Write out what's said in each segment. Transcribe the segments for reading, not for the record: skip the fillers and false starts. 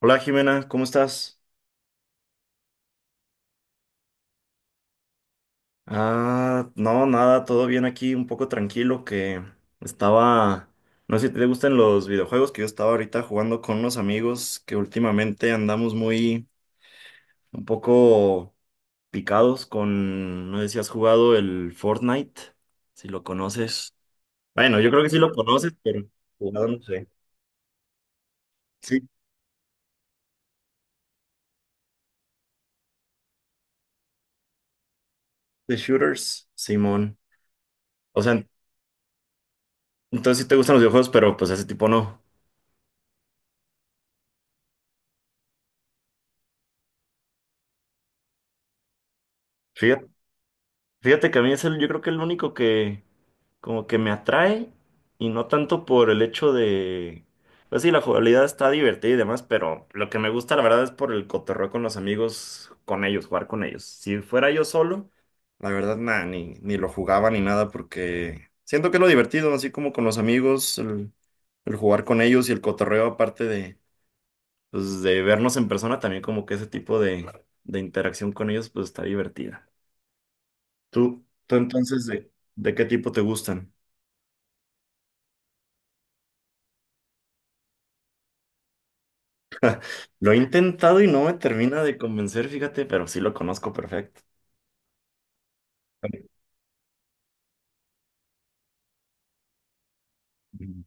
Hola Jimena, ¿cómo estás? Ah, no, nada, todo bien aquí, un poco tranquilo que estaba, no sé si te gustan los videojuegos que yo estaba ahorita jugando con unos amigos que últimamente andamos muy, un poco picados con, no sé si has jugado el Fortnite, si lo conoces. Bueno, yo creo que sí lo conoces, pero jugado no sé. Sí, de shooters, Simón. O sea, entonces sí te gustan los videojuegos, pero pues ese tipo no. Fíjate. Fíjate que a mí es el, yo creo que el único que, como que me atrae y no tanto por el hecho de, pues sí, la jugabilidad está divertida y demás, pero lo que me gusta la verdad es por el cotorreo con los amigos, con ellos, jugar con ellos. Si fuera yo solo, la verdad nada, ni lo jugaba ni nada porque siento que es lo divertido, así como con los amigos, el jugar con ellos y el cotorreo aparte de, pues, de vernos en persona, también como que ese tipo de interacción con ellos pues está divertida. ¿Tú entonces de qué tipo te gustan? Lo he intentado y no me termina de convencer, fíjate, pero sí lo conozco perfecto. Ujú.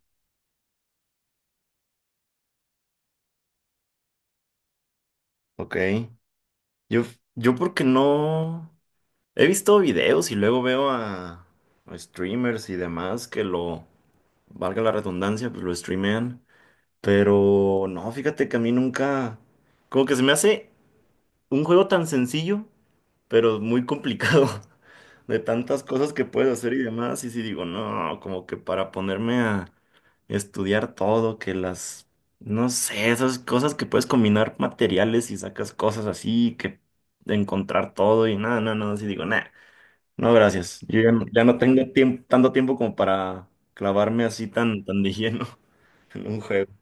Ok. Yo, yo porque no he visto videos y luego veo a streamers y demás que lo, valga la redundancia, pues lo streamean. Pero no, fíjate que a mí nunca, como que se me hace un juego tan sencillo, pero muy complicado, de tantas cosas que puedes hacer y demás. Y si digo, no, como que para ponerme a estudiar todo, que las, no sé, esas cosas que puedes combinar materiales y sacas cosas así, que encontrar todo y nada, no, no, así digo, nada, no, gracias. Yo ya no, ya no tengo tiempo, tanto tiempo como para clavarme así tan, tan de lleno en un juego.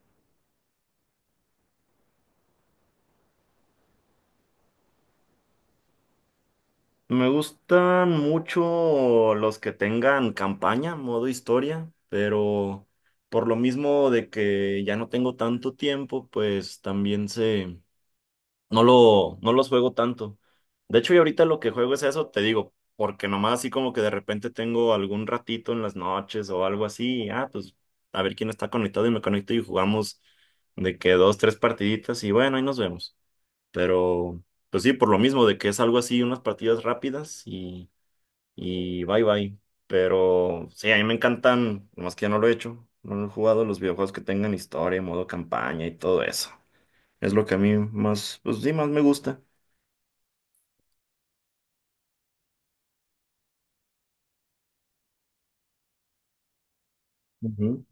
Me gustan mucho los que tengan campaña, modo historia, pero por lo mismo de que ya no tengo tanto tiempo, pues también se no lo, no los juego tanto. De hecho, y ahorita lo que juego es eso, te digo, porque nomás así como que de repente tengo algún ratito en las noches o algo así, y, ah, pues a ver quién está conectado y me conecto y jugamos de que dos, tres partiditas y bueno, ahí nos vemos. Pero, pues sí, por lo mismo, de que es algo así, unas partidas rápidas y bye bye. Pero sí, a mí me encantan, nomás que ya no lo he hecho, no lo he jugado, los videojuegos que tengan historia, modo campaña y todo eso. Es lo que a mí más, pues sí, más me gusta. Ujú.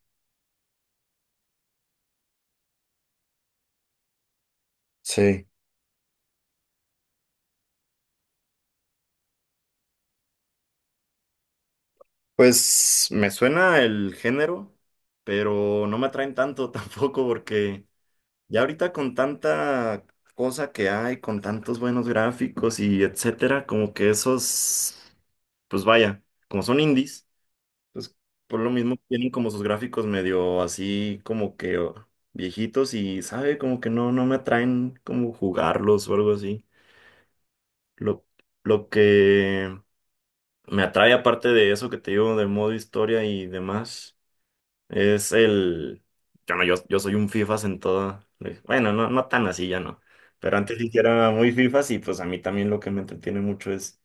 Sí, pues me suena el género, pero no me atraen tanto tampoco porque ya ahorita con tanta cosa que hay, con tantos buenos gráficos y etcétera, como que esos, pues vaya, como son indies, pues por lo mismo tienen como sus gráficos medio así como que oh, viejitos y sabe, como que no, no me atraen como jugarlos o algo así. Lo, lo que me atrae aparte de eso que te digo del modo historia y demás, es el... Yo no, yo soy un FIFAs en toda... pues, bueno, no, no tan así, ya no. Pero antes sí que era muy FIFAs y pues a mí también lo que me entretiene mucho es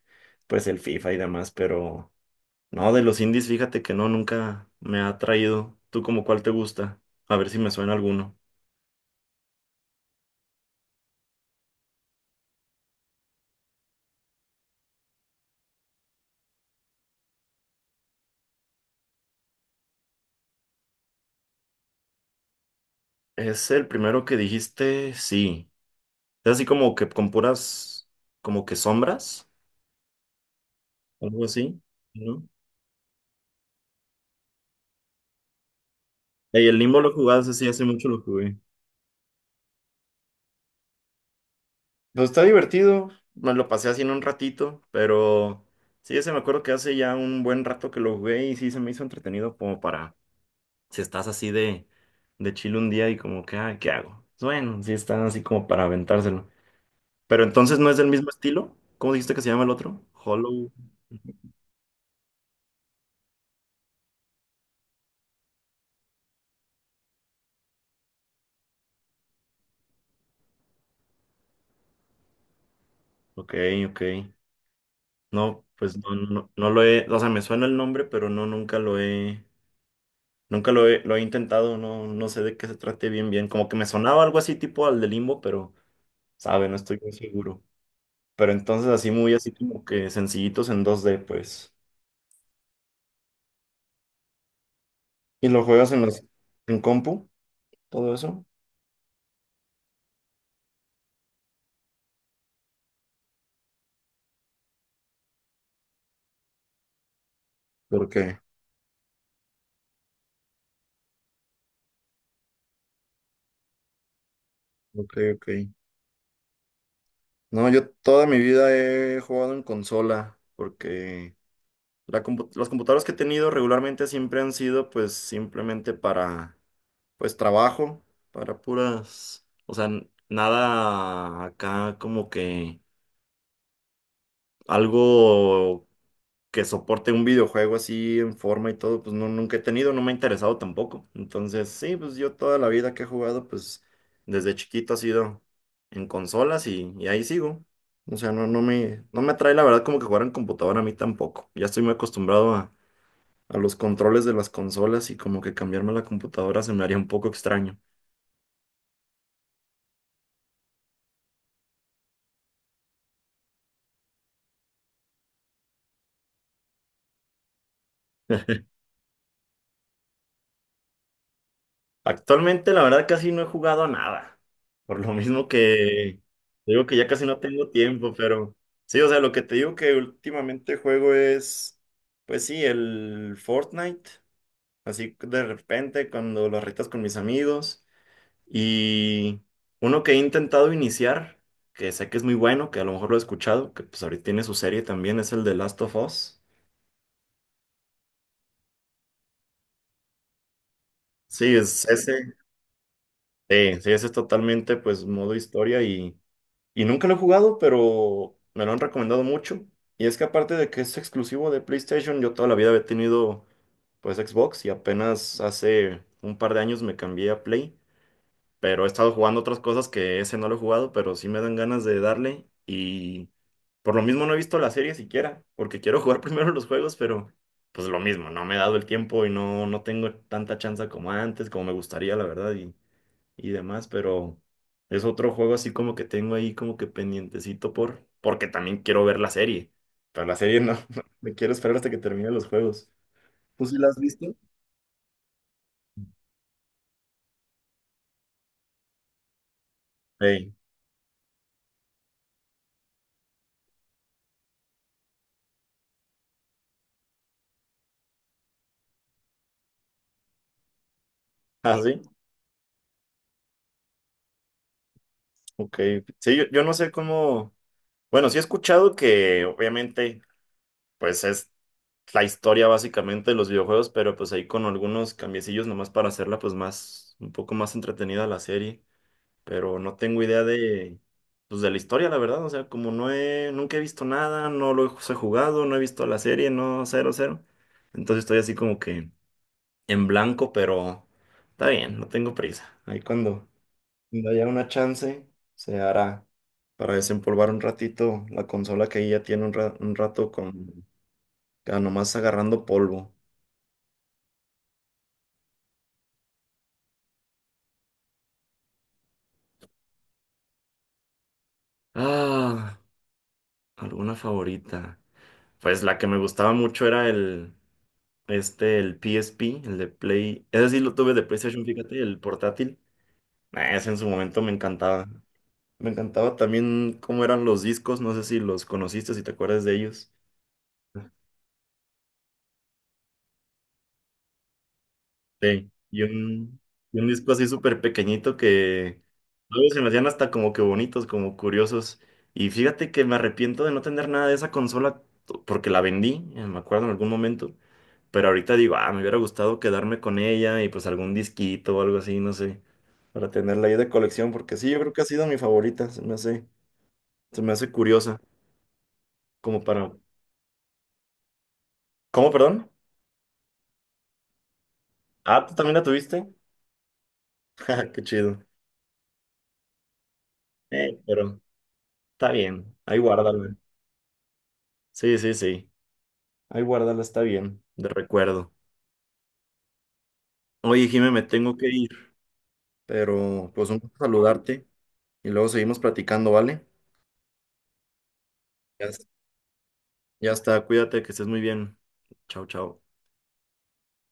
pues el FIFA y demás, pero no, de los indies fíjate que no, nunca me ha atraído. ¿Tú como cuál te gusta? A ver si me suena alguno. Es el primero que dijiste, sí. Es así como que con puras, como que sombras, algo así, ¿no? Y el Limbo lo jugás así hace mucho lo jugué. Pues está divertido, me lo pasé así en un ratito, pero sí, ese me acuerdo que hace ya un buen rato que lo jugué y sí se me hizo entretenido como para, si estás así de chill un día y como que, ah, ¿qué hago? Pues bueno, sí está así como para aventárselo. Pero entonces no es del mismo estilo. ¿Cómo dijiste que se llama el otro? Hollow. Ok, ok. No, pues no, no, no lo he, o sea, me suena el nombre, pero no, nunca lo he, nunca lo he, lo he intentado, no, no sé de qué se trate bien, bien. Como que me sonaba algo así tipo al de Limbo, pero, sabe, no estoy muy seguro. Pero entonces así muy así como que sencillitos en 2D, pues. ¿Y lo juegas en los, en compu? ¿Todo eso? ¿Por qué? Ok, ok. No, yo toda mi vida he jugado en consola, porque las computadoras que he tenido regularmente siempre han sido pues simplemente para pues trabajo para puras, o sea, nada acá como que algo que soporte un videojuego así en forma y todo, pues no, nunca he tenido, no me ha interesado tampoco. Entonces, sí, pues yo toda la vida que he jugado, pues desde chiquito ha sido en consolas y ahí sigo. O sea, no me atrae la verdad como que jugar en computadora a mí tampoco. Ya estoy muy acostumbrado a los controles de las consolas y como que cambiarme a la computadora se me haría un poco extraño. Actualmente, la verdad, casi no he jugado a nada. Por lo mismo que te digo que ya casi no tengo tiempo, pero sí, o sea, lo que te digo que últimamente juego es, pues sí, el Fortnite. Así de repente, cuando las retas con mis amigos. Y uno que he intentado iniciar, que sé que es muy bueno, que a lo mejor lo he escuchado, que pues ahorita tiene su serie también, es el de Last of Us. Sí, es ese. Sí, sí, ese es totalmente, pues, modo historia y. Y nunca lo he jugado, pero me lo han recomendado mucho. Y es que aparte de que es exclusivo de PlayStation, yo toda la vida había tenido pues Xbox y apenas hace un par de años me cambié a Play. Pero he estado jugando otras cosas que ese no lo he jugado, pero sí me dan ganas de darle. Y por lo mismo no he visto la serie siquiera, porque quiero jugar primero los juegos, pero pues lo mismo, no me he dado el tiempo y no, no tengo tanta chance como antes, como me gustaría, la verdad. Y demás, pero es otro juego así como que tengo ahí como que pendientecito por, porque también quiero ver la serie. Pero la serie no, me quiero esperar hasta que termine los juegos. ¿Tú sí la has visto? Ey. Ah, sí, ok. Sí, yo no sé cómo. Bueno, sí he escuchado que obviamente, pues es la historia básicamente de los videojuegos, pero pues ahí con algunos cambiecillos nomás para hacerla pues más, un poco más entretenida la serie. Pero no tengo idea de, pues, de la historia, la verdad. O sea, como no he, nunca he visto nada, no lo he jugado, no he visto la serie, no, cero, cero. Entonces estoy así como que en blanco, pero está bien, no tengo prisa. Ahí cuando, cuando haya una chance, se hará para desempolvar un ratito la consola que ahí ya tiene un, un rato con, ya nomás agarrando polvo. Ah, alguna favorita. Pues la que me gustaba mucho era el... Este, el PSP, el de Play. Ese sí lo tuve de PlayStation, fíjate, el portátil. Nah, ese en su momento me encantaba. Me encantaba también cómo eran los discos, no sé si los conociste, si te acuerdas de ellos. Sí, y un disco así súper pequeñito que luego se me hacían hasta como que bonitos, como curiosos. Y fíjate que me arrepiento de no tener nada de esa consola porque la vendí, me acuerdo en algún momento. Pero ahorita digo, ah, me hubiera gustado quedarme con ella y pues algún disquito o algo así, no sé, para tenerla ahí de colección, porque sí, yo creo que ha sido mi favorita, se me hace curiosa, como para... ¿Cómo, perdón? Ah, ¿tú también la tuviste? Ja, qué chido. Pero está bien, ahí guárdala. Sí, sí, sí. Ahí guárdala, está bien, de recuerdo. Oye, Jimé, me tengo que ir, pero pues un gusto saludarte y luego seguimos platicando, ¿vale? Ya, ya está, cuídate, que estés muy bien. Chao, chao.